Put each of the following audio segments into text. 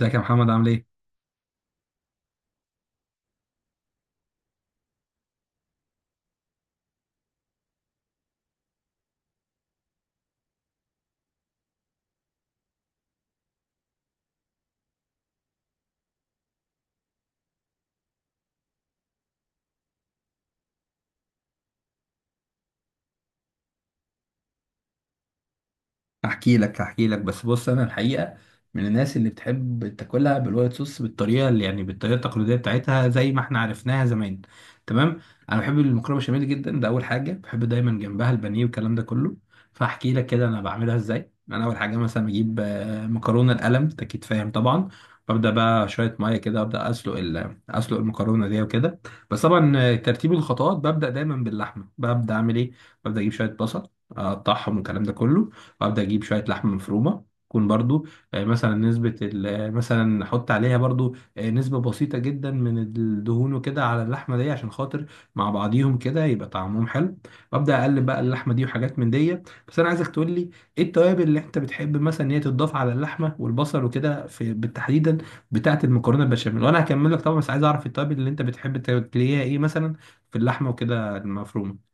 ازيك يا محمد، عامل ايه؟ هحكي لك. بس بص، انا الحقيقه من الناس اللي بتحب تاكلها بالوايت صوص، بالطريقه اللي يعني بالطريقه التقليديه بتاعتها زي ما احنا عرفناها زمان. تمام. انا بحب المكرونه بشاميل جدا، ده اول حاجه، بحب دايما جنبها البانيه والكلام ده كله. فاحكي لك كده انا بعملها ازاي. انا اول حاجه مثلا بجيب مكرونه القلم، انت اكيد فاهم طبعا. ببدا بقى شويه ميه كده، ابدا اسلق المكرونه دي وكده. بس طبعا ترتيب الخطوات، ببدا دايما باللحمه. ببدا اعمل ايه؟ ببدا اجيب شويه بصل، اقطعهم والكلام ده كله. وابدا اجيب شويه لحمه مفرومه، تكون برضو مثلا احط عليها برضو نسبة بسيطة جدا من الدهون وكده على اللحمة دي، عشان خاطر مع بعضيهم كده يبقى طعمهم حلو. وابدا اقلب بقى اللحمة دي وحاجات من دي. بس انا عايزك تقول لي، ايه التوابل اللي انت بتحب مثلا ان هي تضاف على اللحمة والبصل وكده، في بالتحديدا بتاعة المكرونة البشاميل؟ وانا هكمل لك طبعا، بس عايز اعرف التوابل اللي انت بتحب تلاقيها ايه مثلا في اللحمة وكده المفرومة.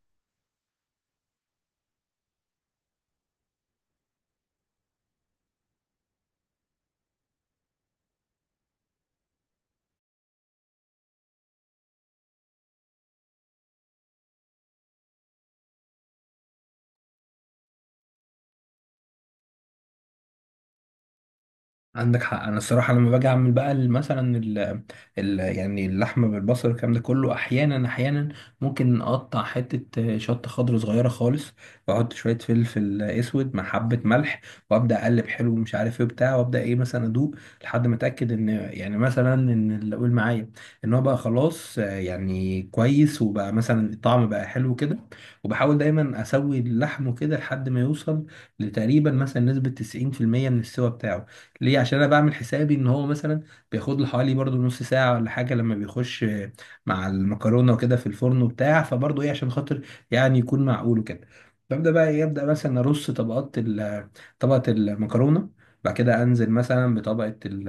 عندك حق. انا الصراحه لما باجي اعمل بقى ال- مثلا ال ال يعني اللحمه بالبصل والكلام ده كله، احيانا ممكن اقطع حته شطه خضر صغيره خالص، واحط شويه فلفل اسود مع حبه ملح، وابدا اقلب حلو ومش عارف ايه بتاع، وابدا ايه مثلا ادوق لحد ما اتاكد ان يعني مثلا ان اللي اقول معايا ان هو بقى خلاص يعني كويس، وبقى مثلا الطعم بقى حلو كده. وبحاول دايما اسوي اللحم كده لحد ما يوصل لتقريبا مثلا نسبه 90% من السوا بتاعه. ليه؟ عشان انا بعمل حسابي ان هو مثلا بياخد له حوالي برضو نص ساعه ولا حاجه لما بيخش مع المكرونه وكده في الفرن وبتاع، فبرضو ايه عشان خاطر يعني يكون معقول وكده. ببدا بقى ابدا مثلا ارص طبقات طبقه المكرونه، بعد كده انزل مثلا بطبقه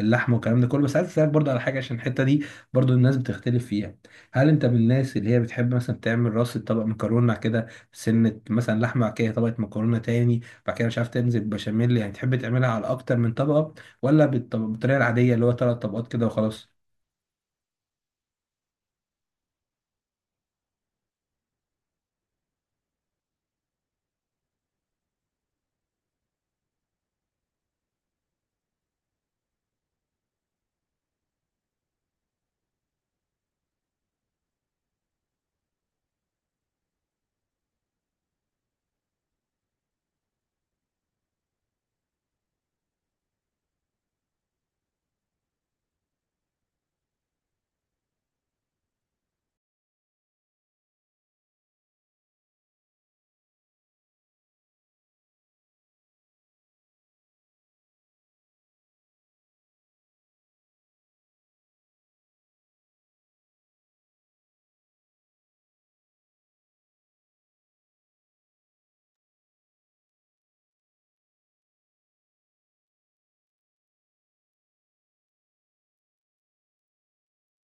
اللحمه والكلام ده كله. بس عايز اسالك برضو على حاجه، عشان الحته دي برضو الناس بتختلف فيها. هل انت من الناس اللي هي بتحب مثلا تعمل راس طبق مكرونه كده سنه، مثلا لحمه، بعد كده طبقه مكرونه تاني، بعد كده مش عارف تمزج بشاميل، يعني تحب تعملها على اكتر من طبقه، ولا بالطريقه العاديه اللي هو ثلاث طبقات كده وخلاص؟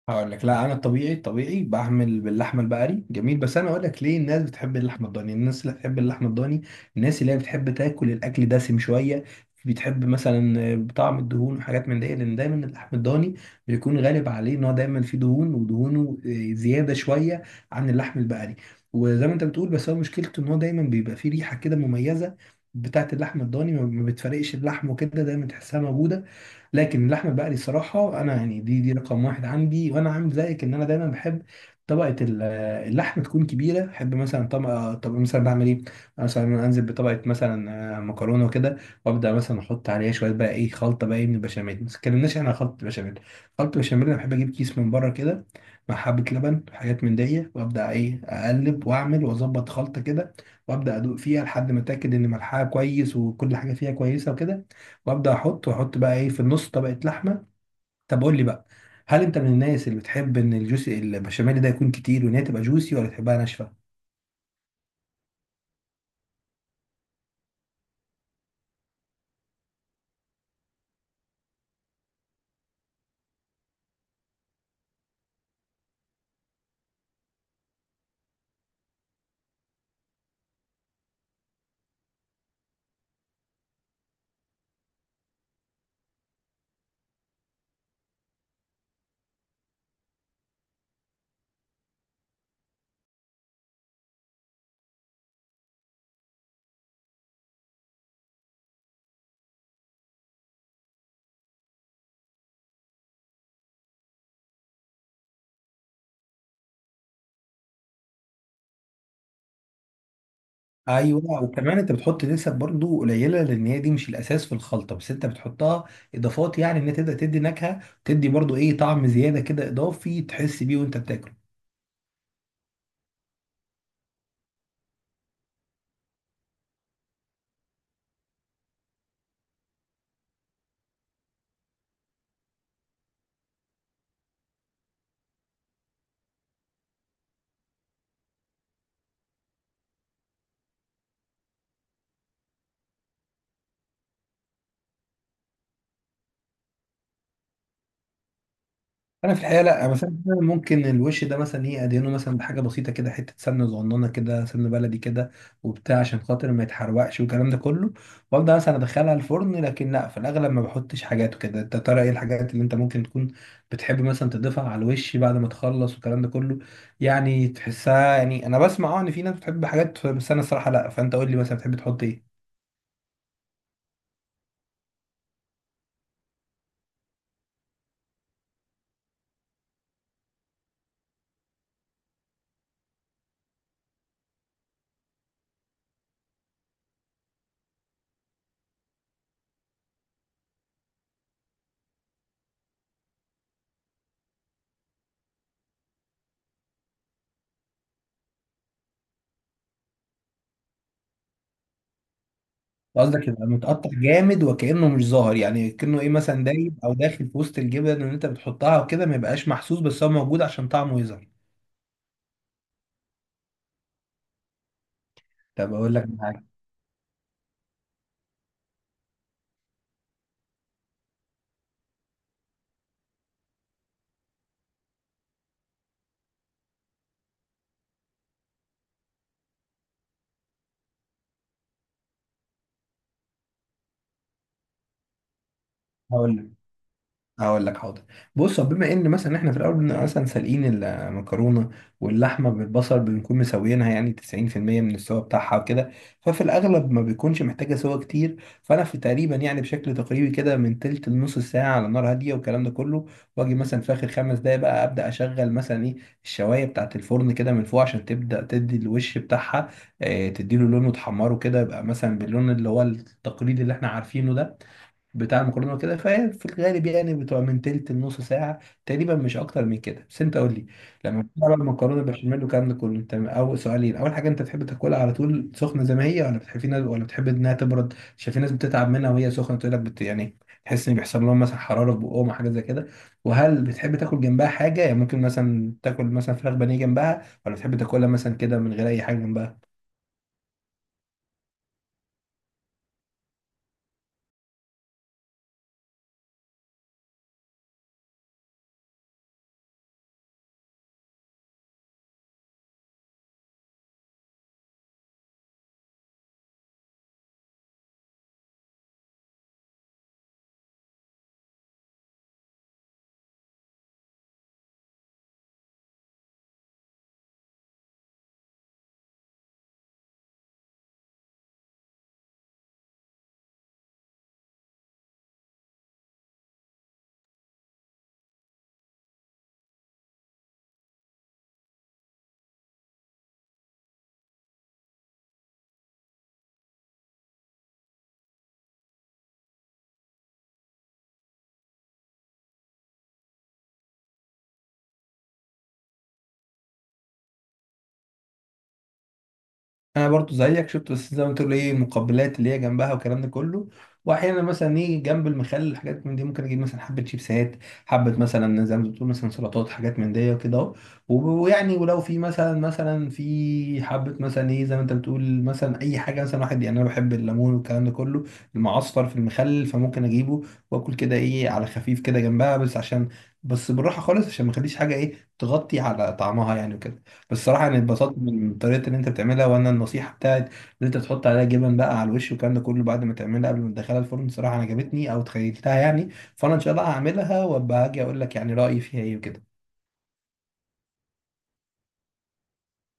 هقول لك. لا انا الطبيعي، الطبيعي بعمل باللحمه البقري جميل، بس انا اقول لك ليه الناس بتحب اللحمه الضاني. الناس اللي بتحب اللحمه الضاني، الناس اللي هي بتحب تاكل الاكل دسم شويه، بتحب مثلا بطعم الدهون وحاجات من دي، لان دايما اللحم الضاني بيكون غالب عليه ان هو دايما فيه دهون، ودهونه زياده شويه عن اللحم البقري. وزي ما انت بتقول، بس هو مشكلته ان هو دايما بيبقى فيه ريحه كده مميزه بتاعت اللحم الضاني، ما بتفرقش اللحم وكده، دايما تحسها موجوده. لكن اللحمه البقري صراحه انا يعني دي رقم واحد عندي، وانا عامل زيك، ان انا دايما بحب طبقه اللحمه تكون كبيره. احب مثلا طبقه، طب مثلا بعمل ايه؟ مثلا انزل بطبقه مثلا مكرونه وكده، وابدا مثلا احط عليها شويه بقى ايه خلطه بقى ايه من البشاميل. ما اتكلمناش احنا عن خلطه البشاميل. خلطه البشاميل انا بحب اجيب كيس من بره كده، مع حبه لبن حاجات من دي، وابدا ايه اقلب واعمل واظبط خلطه كده، وابدا ادوق فيها لحد ما اتاكد ان ملحها كويس وكل حاجه فيها كويسه وكده. وابدا احط واحط بقى ايه في النص طبقه لحمه. طب قول لي بقى، هل انت من الناس اللي بتحب ان الجوسي البشاميل ده يكون كتير، وان هي تبقى جوسي، ولا تحبها ناشفه؟ ايوه. وكمان انت بتحط نسب برضو قليله، لان هي دي مش الاساس في الخلطه، بس انت بتحطها اضافات، يعني ان هي تبدا تدي نكهه، تدي برضو ايه طعم زياده كده اضافي تحس بيه وانت بتاكل. انا في الحقيقه لا، مثلا ممكن الوش ده مثلا ايه ادهنه مثلا بحاجه بسيطه كده، حته سمنه صغننه كده، سمنه بلدي كده وبتاع، عشان خاطر ما يتحرقش والكلام ده كله، وابدا مثلا ادخلها الفرن. لكن لا، في الاغلب ما بحطش حاجات وكده. انت ترى ايه الحاجات اللي انت ممكن تكون بتحب مثلا تضيفها على الوش بعد ما تخلص والكلام ده كله، يعني تحسها، يعني انا بسمع اه ان في ناس بتحب حاجات، بس انا الصراحه لا. فانت قول لي مثلا بتحب تحط ايه؟ قصدك يبقى متقطع جامد وكأنه مش ظاهر، يعني كأنه ايه مثلا دايب او داخل في وسط الجبن اللي انت بتحطها وكده، ما يبقاش محسوس بس هو موجود عشان طعمه يظهر؟ طب اقول لك حاجه. هقول لك هقول لك حاضر. بص، هو بما ان مثلا احنا في الاول مثلا سالقين المكرونه، واللحمه بالبصل بنكون مسويينها يعني 90% من السوا بتاعها وكده، ففي الاغلب ما بيكونش محتاجه سوا كتير. فانا في تقريبا يعني بشكل تقريبي كده من تلت لنص ساعه على نار هاديه والكلام ده كله، واجي مثلا في اخر خمس دقايق بقى ابدا اشغل مثلا ايه الشوايه بتاعه الفرن كده من فوق، عشان تبدا تدي الوش بتاعها اه، تديله لون وتحمره كده، يبقى مثلا باللون اللي هو التقليدي اللي احنا عارفينه ده بتاع المكرونه وكده. فهي في الغالب يعني بتبقى من تلت لنص ساعه تقريبا، مش اكتر من كده. بس انت قول لي، لما بتعمل المكرونه بشاميل والكلام ده كله، انت اول سؤالين، اول حاجه، انت بتحب تاكلها على طول سخنه زي ما هي، ولا بتحب في ناس، ولا بتحب انها تبرد عشان في ناس بتتعب منها وهي سخنه تقول لك بت يعني تحس ان بيحصل لهم مثلا حراره في بقهم حاجه زي كده؟ وهل بتحب تاكل جنبها حاجه، يعني ممكن مثلا تاكل مثلا فراخ بانيه جنبها، ولا بتحب تاكلها مثلا كده من غير اي حاجه جنبها؟ انا برضو زيك شفت، بس زي ما تقول ايه المقبلات اللي هي جنبها والكلام ده كله، واحيانا مثلا ايه جنب المخلل الحاجات من دي، ممكن اجيب مثلا حبه شيبسات، حبه مثلا زي ما بتقول مثلا سلطات حاجات من دي وكده اهو، و- ويعني، ولو في مثلا في حبه مثلا ايه زي ما انت بتقول مثلا اي حاجه مثلا واحد، يعني انا بحب الليمون والكلام ده كله، المعصفر في المخلل فممكن اجيبه، واكل كده ايه على خفيف كده جنبها، بس عشان، بس بالراحه خالص عشان ما اخليش حاجه ايه تغطي على طعمها يعني وكده. بصراحة أنا اتبسطت من طريقة اللي أنت بتعملها، وأنا النصيحة بتاعت إن أنت تحط عليها جبن بقى على الوش والكلام ده كله بعد ما تعملها قبل ما تدخلها الفرن، صراحة أنا عجبتني أو تخيلتها يعني. فأنا إن شاء الله هعملها وأبقى هاجي أقول لك يعني رأيي فيها إيه وكده.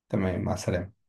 تمام، مع السلامة.